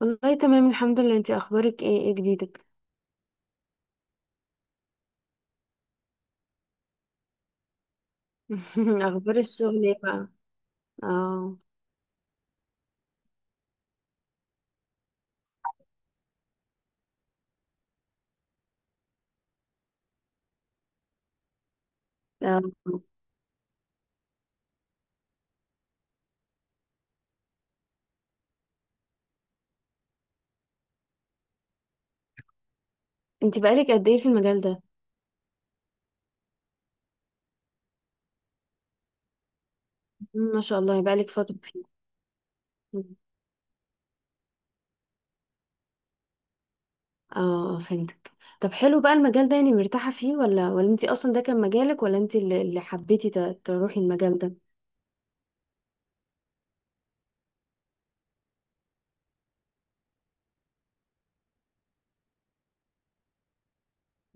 والله تمام الحمد لله، انتي اخبارك ايه؟ ايه جديدك؟ اخبار الشغل ايه بقى؟ اه، اه. انتي بقالك قد ايه في المجال ده؟ ما شاء الله بقالك فترة فيه. مم. اه، اه، فهمتك. طب حلو بقى، المجال ده يعني مرتاحة فيه ولا انتي اصلا ده كان مجالك، ولا انتي اللي حبيتي تروحي المجال ده؟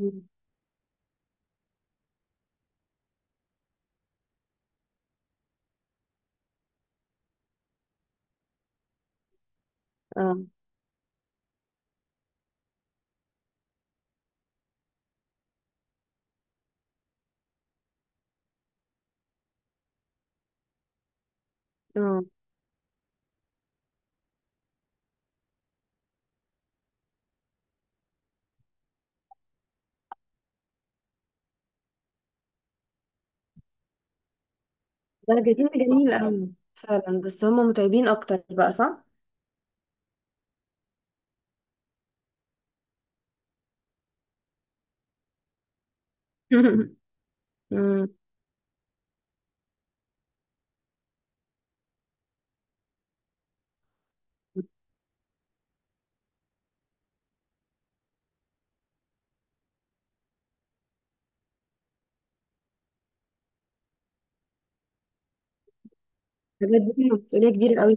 مم. اه، اه، ده جميل، جميل قوي. فعلا، بس هما متعبين اكتر بقى، صح؟ مم. حاجات دي مسؤولية كبيرة قوي.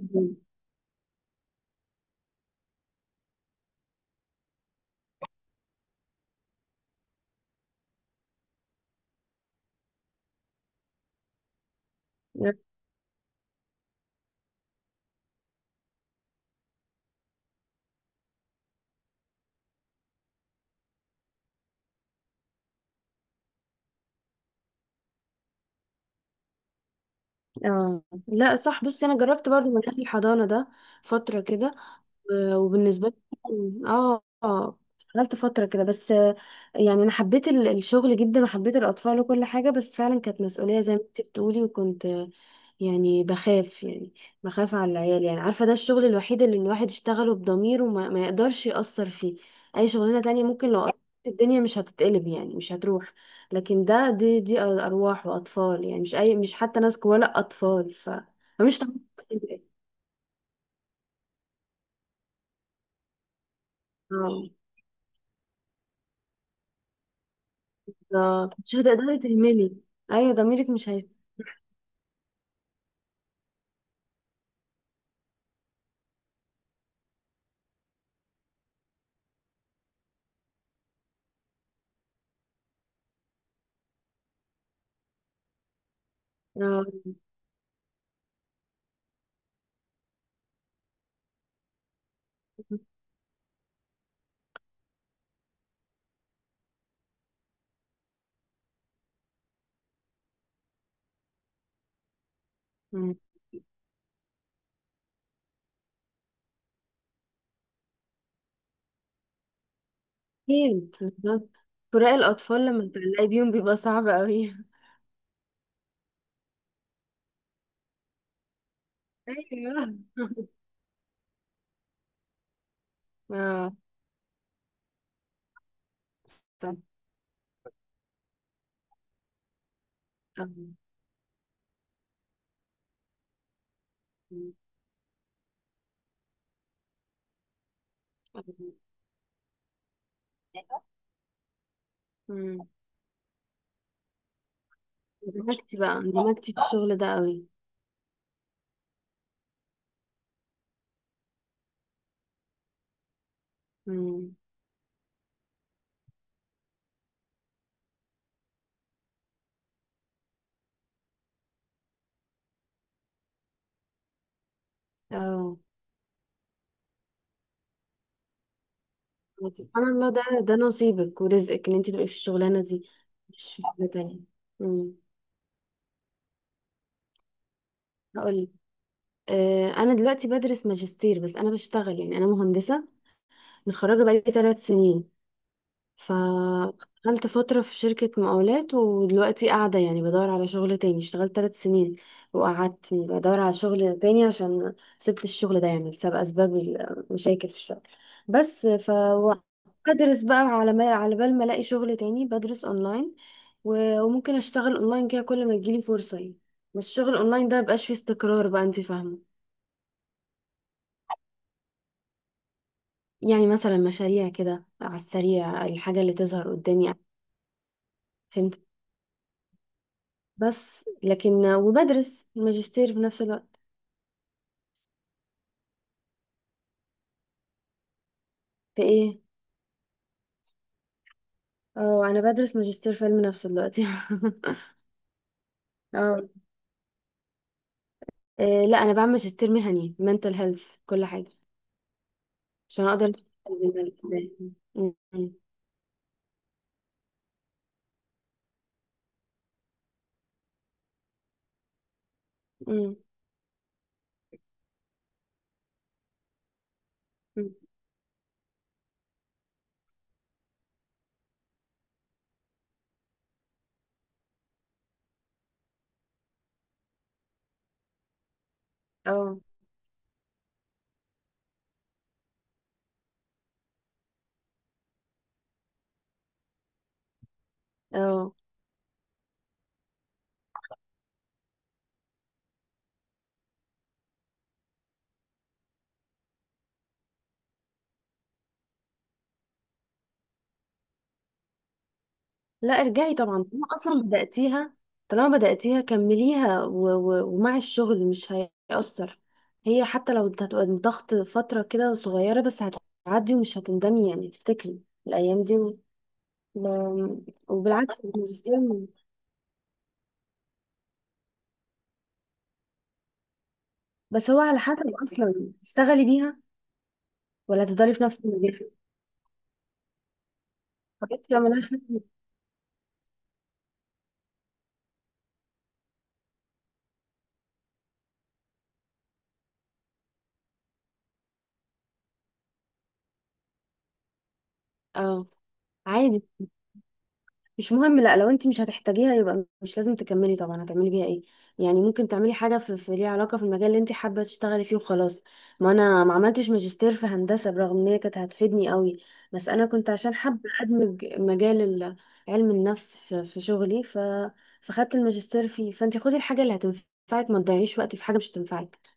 اه. لا، صح. بصي، انا جربت برضو منهج الحضانه ده فتره كده، وبالنسبة لي، اه، اشتغلت فترة كده، بس يعني انا حبيت الشغل جدا، وحبيت الاطفال وكل حاجة، بس فعلا كانت مسؤولية زي ما انت بتقولي، وكنت يعني بخاف، يعني بخاف على العيال، يعني عارفة، ده الشغل الوحيد اللي الواحد يشتغله بضمير، وما ما يقدرش يأثر فيه. اي شغلانة تانية ممكن لو قدرت الدنيا مش هتتقلب، يعني مش هتروح. لكن ده دي ارواح واطفال، يعني مش حتى ناس جوه، لا اطفال، فمش طبيعي. اه، مش هتقدري تهملي. ايوه، ضميرك مش هيس، آه، مم. اكيد، بالظبط. فراق الاطفال لما بتعلقي بيهم بيبقى صعب قوي. ايوه. اه، طب، آه. مم. دمجتي بقى اندمجتي في الشغل ده قوي. مم. اه. سبحان الله، ده نصيبك ورزقك، ان انت تبقي في الشغلانه دي، مش في حاجه تانية. مم. هقول لك، انا دلوقتي بدرس ماجستير، بس انا بشتغل، يعني انا مهندسه متخرجه بقالي 3 سنين. فاشتغلت فترة في شركة مقاولات، ودلوقتي قاعدة يعني بدور على شغل تاني. اشتغلت 3 سنين، وقعدت بدور على شغل تاني، عشان سبت الشغل ده، يعني بسبب أسباب المشاكل في الشغل. بس بدرس بقى على بال ما الاقي شغل تاني، بدرس اونلاين. وممكن اشتغل اونلاين كده كل ما تجيلي فرصة يعني. بس الشغل اونلاين ده مبقاش فيه استقرار بقى، انت فاهمة؟ يعني مثلا مشاريع كده على السريع، الحاجة اللي تظهر قدامي، فهمت. بس لكن وبدرس الماجستير في نفس الوقت. في ايه؟ اه انا بدرس ماجستير في علم نفس دلوقتي. اه، إيه، لا، انا بعمل ماجستير مهني mental health، كل حاجة عشان اقدر أشتغل بالملك ده. م- م- م- م. اه، اه. لا، ارجعي طبعا، طالما اصلا بدأتيها. طالما بدأتيها كمليها، ومع الشغل مش هيأثر. هي حتى لو هتبقى ضغط فترة كده صغيرة، بس هتعدي ومش هتندمي يعني، تفتكري الأيام دي، ما- وبالعكس الماجستير بس هو على حسب، اصلا تشتغلي بيها ولا تفضلي في نفس المجال؟ حاجات كده ملهاش. اه، عادي. مش مهم. لا، لو انت مش هتحتاجيها يبقى مش لازم تكملي طبعا، هتعملي بيها ايه؟ يعني ممكن تعملي حاجه في ليها علاقه في المجال اللي انت حابه تشتغلي فيه، وخلاص. ما انا ما عملتش ماجستير في هندسه، برغم ان هي كانت هتفيدني قوي، بس انا كنت عشان حابه ادمج مجال علم النفس في شغلي، فخدت الماجستير فيه. فانت خدي الحاجه اللي هتنفعك، ما تضيعيش وقت في حاجه مش هتنفعك.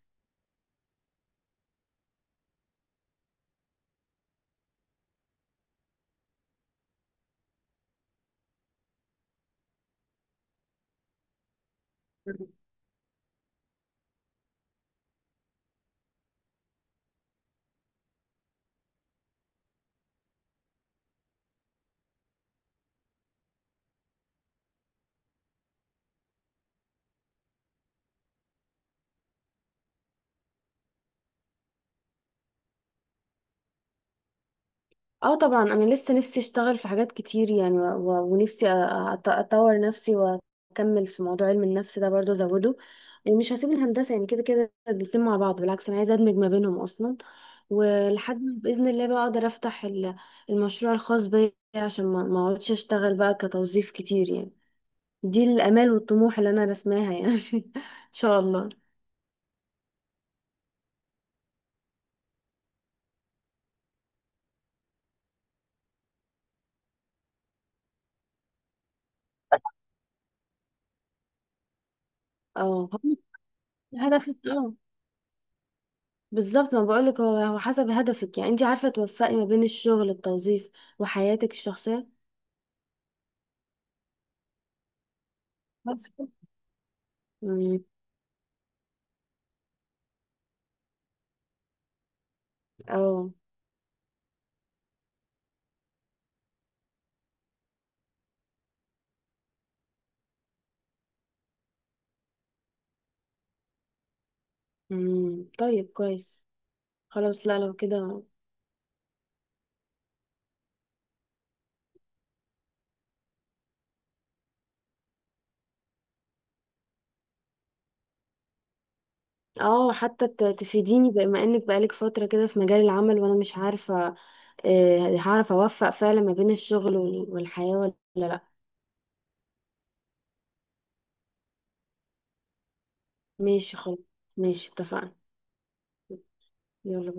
اه طبعا، انا لسه نفسي اشتغل في حاجات كتير يعني، ونفسي اطور نفسي، واكمل في موضوع علم النفس ده برضه ازوده. ومش هسيب الهندسه يعني، كده كده الاتنين مع بعض، بالعكس انا عايزه ادمج ما بينهم اصلا. ولحد ما باذن الله بقى اقدر افتح المشروع الخاص بيا، عشان ما اقعدش اشتغل بقى كتوظيف كتير يعني. دي الامال والطموح اللي انا رسماها يعني. ان شاء الله. اه، هدفي. اه، بالظبط ما بقولك. هو هو حسب هدفك، يعني انت عارفة توفقي ما بين الشغل، التوظيف، وحياتك الشخصية. بس كده. امم اه، طيب كويس خلاص. لا، لو كده اه، حتى تفيديني، بما انك بقالك فترة كده في مجال العمل وانا مش عارفة هعرف اوفق فعلا ما بين الشغل والحياة ولا لا. ماشي خلاص. ماشي اتفقنا. يلا.